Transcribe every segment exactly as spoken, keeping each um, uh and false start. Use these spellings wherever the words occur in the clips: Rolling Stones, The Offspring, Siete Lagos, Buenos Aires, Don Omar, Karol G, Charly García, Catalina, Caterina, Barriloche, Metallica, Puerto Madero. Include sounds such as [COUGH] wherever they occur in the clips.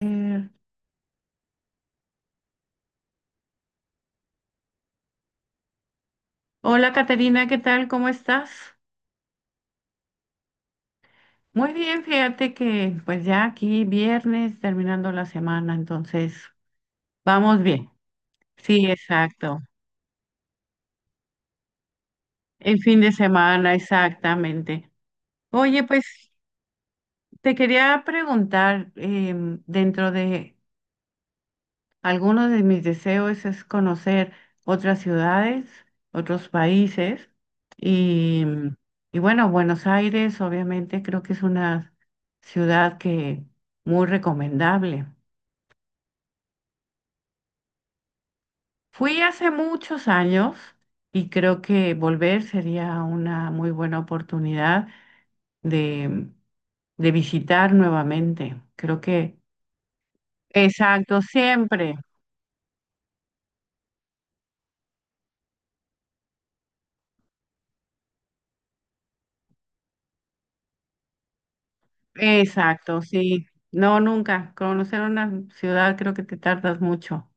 Eh, hola Caterina, ¿qué tal? ¿Cómo estás? Muy bien, fíjate que pues ya aquí viernes terminando la semana, entonces vamos bien. Sí, exacto. El fin de semana, exactamente. Oye, pues te quería preguntar, em, dentro de algunos de mis deseos es conocer otras ciudades, otros países y, y bueno, Buenos Aires obviamente creo que es una ciudad que muy recomendable. Fui hace muchos años y creo que volver sería una muy buena oportunidad de, de visitar nuevamente. Creo que, exacto, siempre. Exacto, sí. No, nunca. Conocer una ciudad creo que te tardas mucho.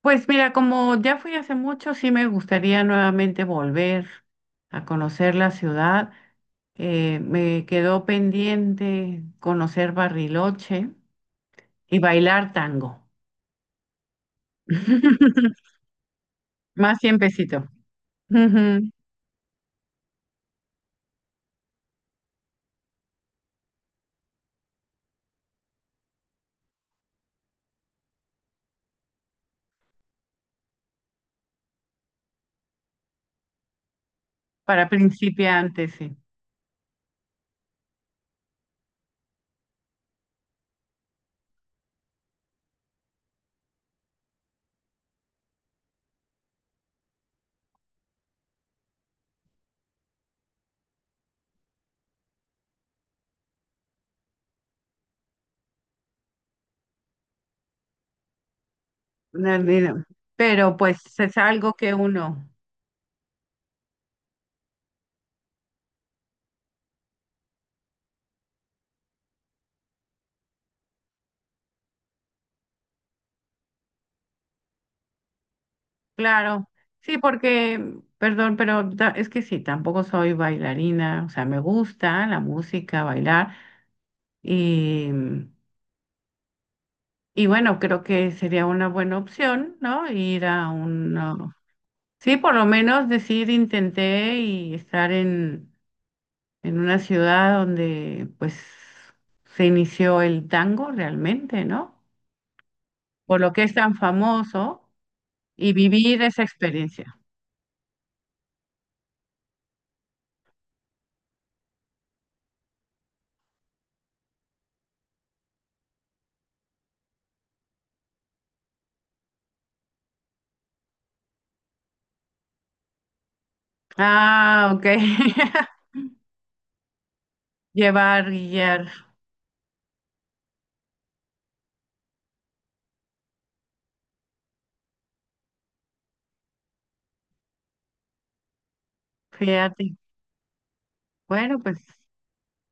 Pues mira, como ya fui hace mucho, sí me gustaría nuevamente volver a conocer la ciudad. Eh, me quedó pendiente conocer Barriloche y bailar tango. [LAUGHS] Más tiempecito. Ujú, para principiantes, sí. No, no, no. Pero pues es algo que uno claro, sí, porque, perdón, pero ta- es que sí, tampoco soy bailarina, o sea, me gusta la música, bailar, y, y bueno, creo que sería una buena opción, ¿no? Ir a un, sí, por lo menos decir, intenté y estar en, en una ciudad donde pues se inició el tango realmente, ¿no? Por lo que es tan famoso y vivir esa experiencia. Ah, ok. [LAUGHS] Llevar, guiar. Fíjate, bueno, pues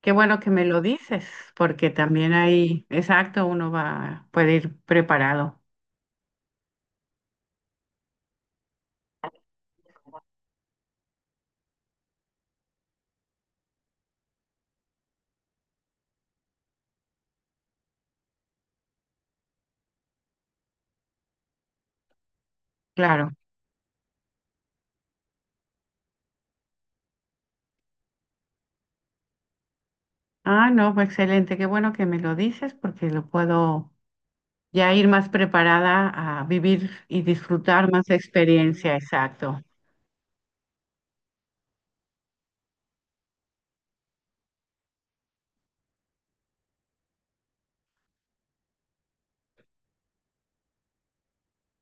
qué bueno que me lo dices, porque también ahí, exacto, uno va, puede ir preparado, claro. Ah, no, pues excelente, qué bueno que me lo dices, porque lo puedo ya ir más preparada a vivir y disfrutar más la experiencia, exacto.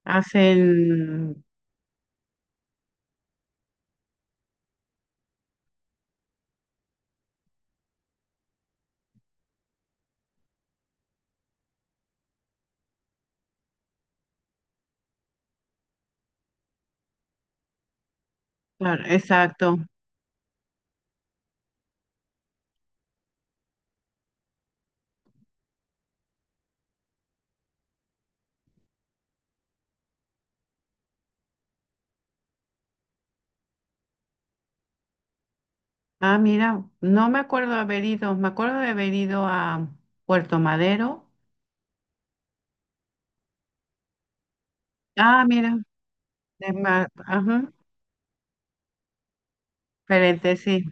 Hacen, claro, exacto. Ah, mira, no me acuerdo de haber ido, me acuerdo de haber ido a Puerto Madero. Ah, mira, de ma- ajá, diferente, sí.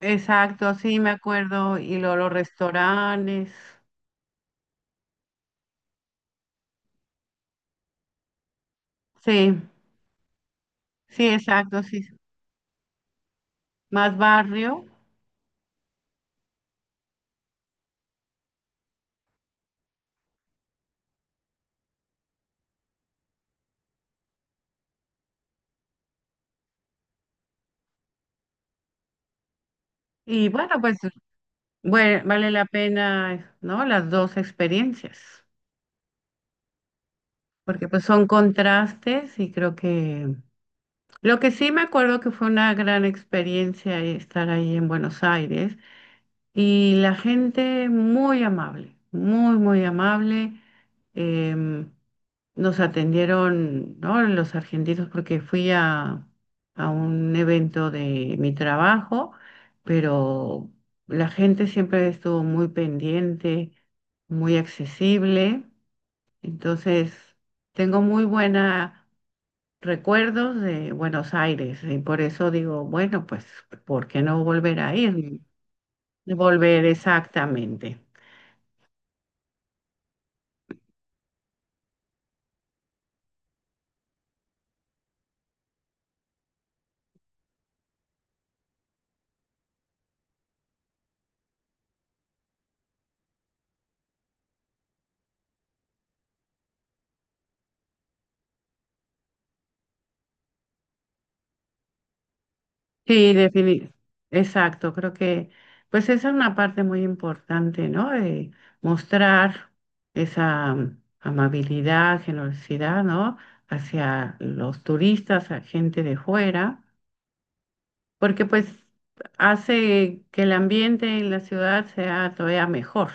Exacto, sí, me acuerdo. Y luego los restaurantes. Sí, sí, exacto, sí. Más barrio. Y bueno, pues bue- vale la pena, ¿no? Las dos experiencias, porque pues son contrastes y creo que lo que sí me acuerdo que fue una gran experiencia estar ahí en Buenos Aires y la gente muy amable, muy, muy amable. em, nos atendieron, ¿no? Los argentinos, porque fui a, a un evento de mi trabajo, pero la gente siempre estuvo muy pendiente, muy accesible. Entonces, tengo muy buenos recuerdos de Buenos Aires y por eso digo, bueno, pues, ¿por qué no volver a ir? Volver exactamente. Sí, definitivamente. Exacto, creo que pues esa es una parte muy importante, ¿no? Eh, mostrar esa mm, amabilidad, generosidad, ¿no? Hacia los turistas, a gente de fuera, porque pues hace que el ambiente en la ciudad sea todavía mejor.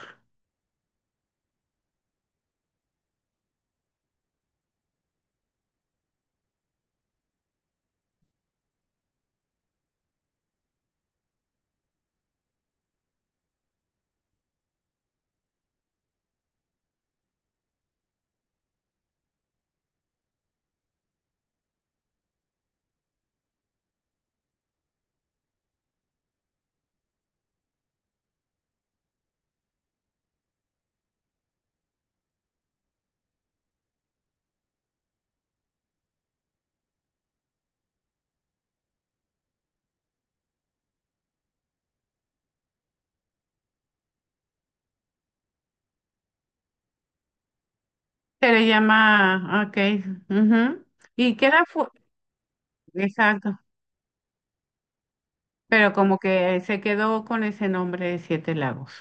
Se le llama, ah, ok, ujú, y queda, fu- exacto, pero como que se quedó con ese nombre de Siete Lagos.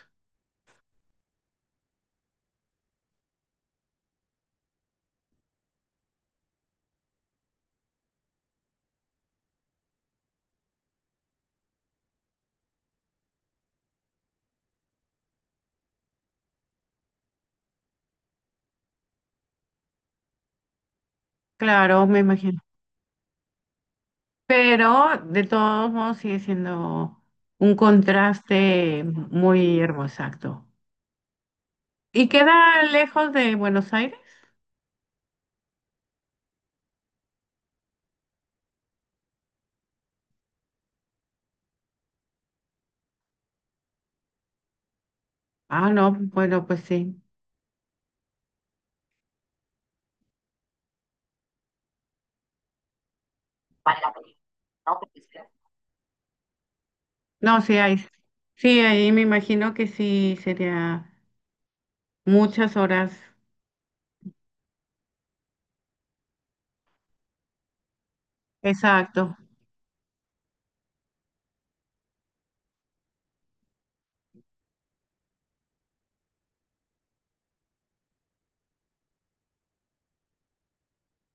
Claro, me imagino, pero de todos modos sigue siendo un contraste muy hermoso. Exacto. ¿Y queda lejos de Buenos Aires? Ah, no, bueno, pues sí. No, sí hay. Sí, ahí me imagino que sí sería muchas horas. Exacto.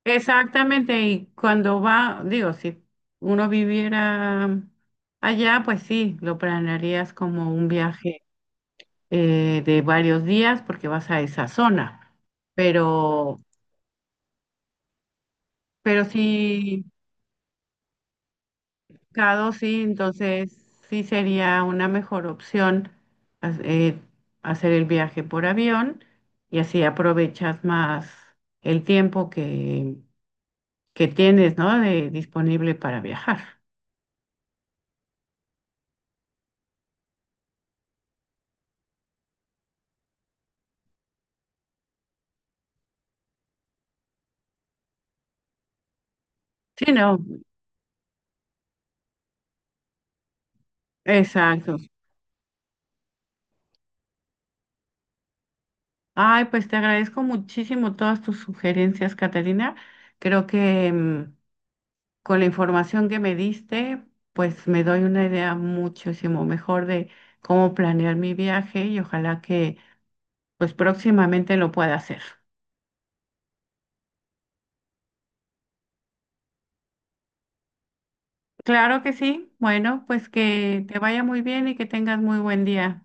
Exactamente. Y cuando va, digo, si uno viviera allá, pues sí, lo planearías como un viaje eh, de varios días porque vas a esa zona. Pero Pero sí, claro, sí, entonces sí sería una mejor opción ha- eh, hacer el viaje por avión y así aprovechas más el tiempo que, que tienes, ¿no? De, disponible para viajar. Sí, no, exacto. Ay, pues te agradezco muchísimo todas tus sugerencias, Catalina. Creo que mm, con la información que me diste, pues me doy una idea muchísimo mejor de cómo planear mi viaje y ojalá que pues próximamente lo pueda hacer. Claro que sí. Bueno, pues que te vaya muy bien y que tengas muy buen día.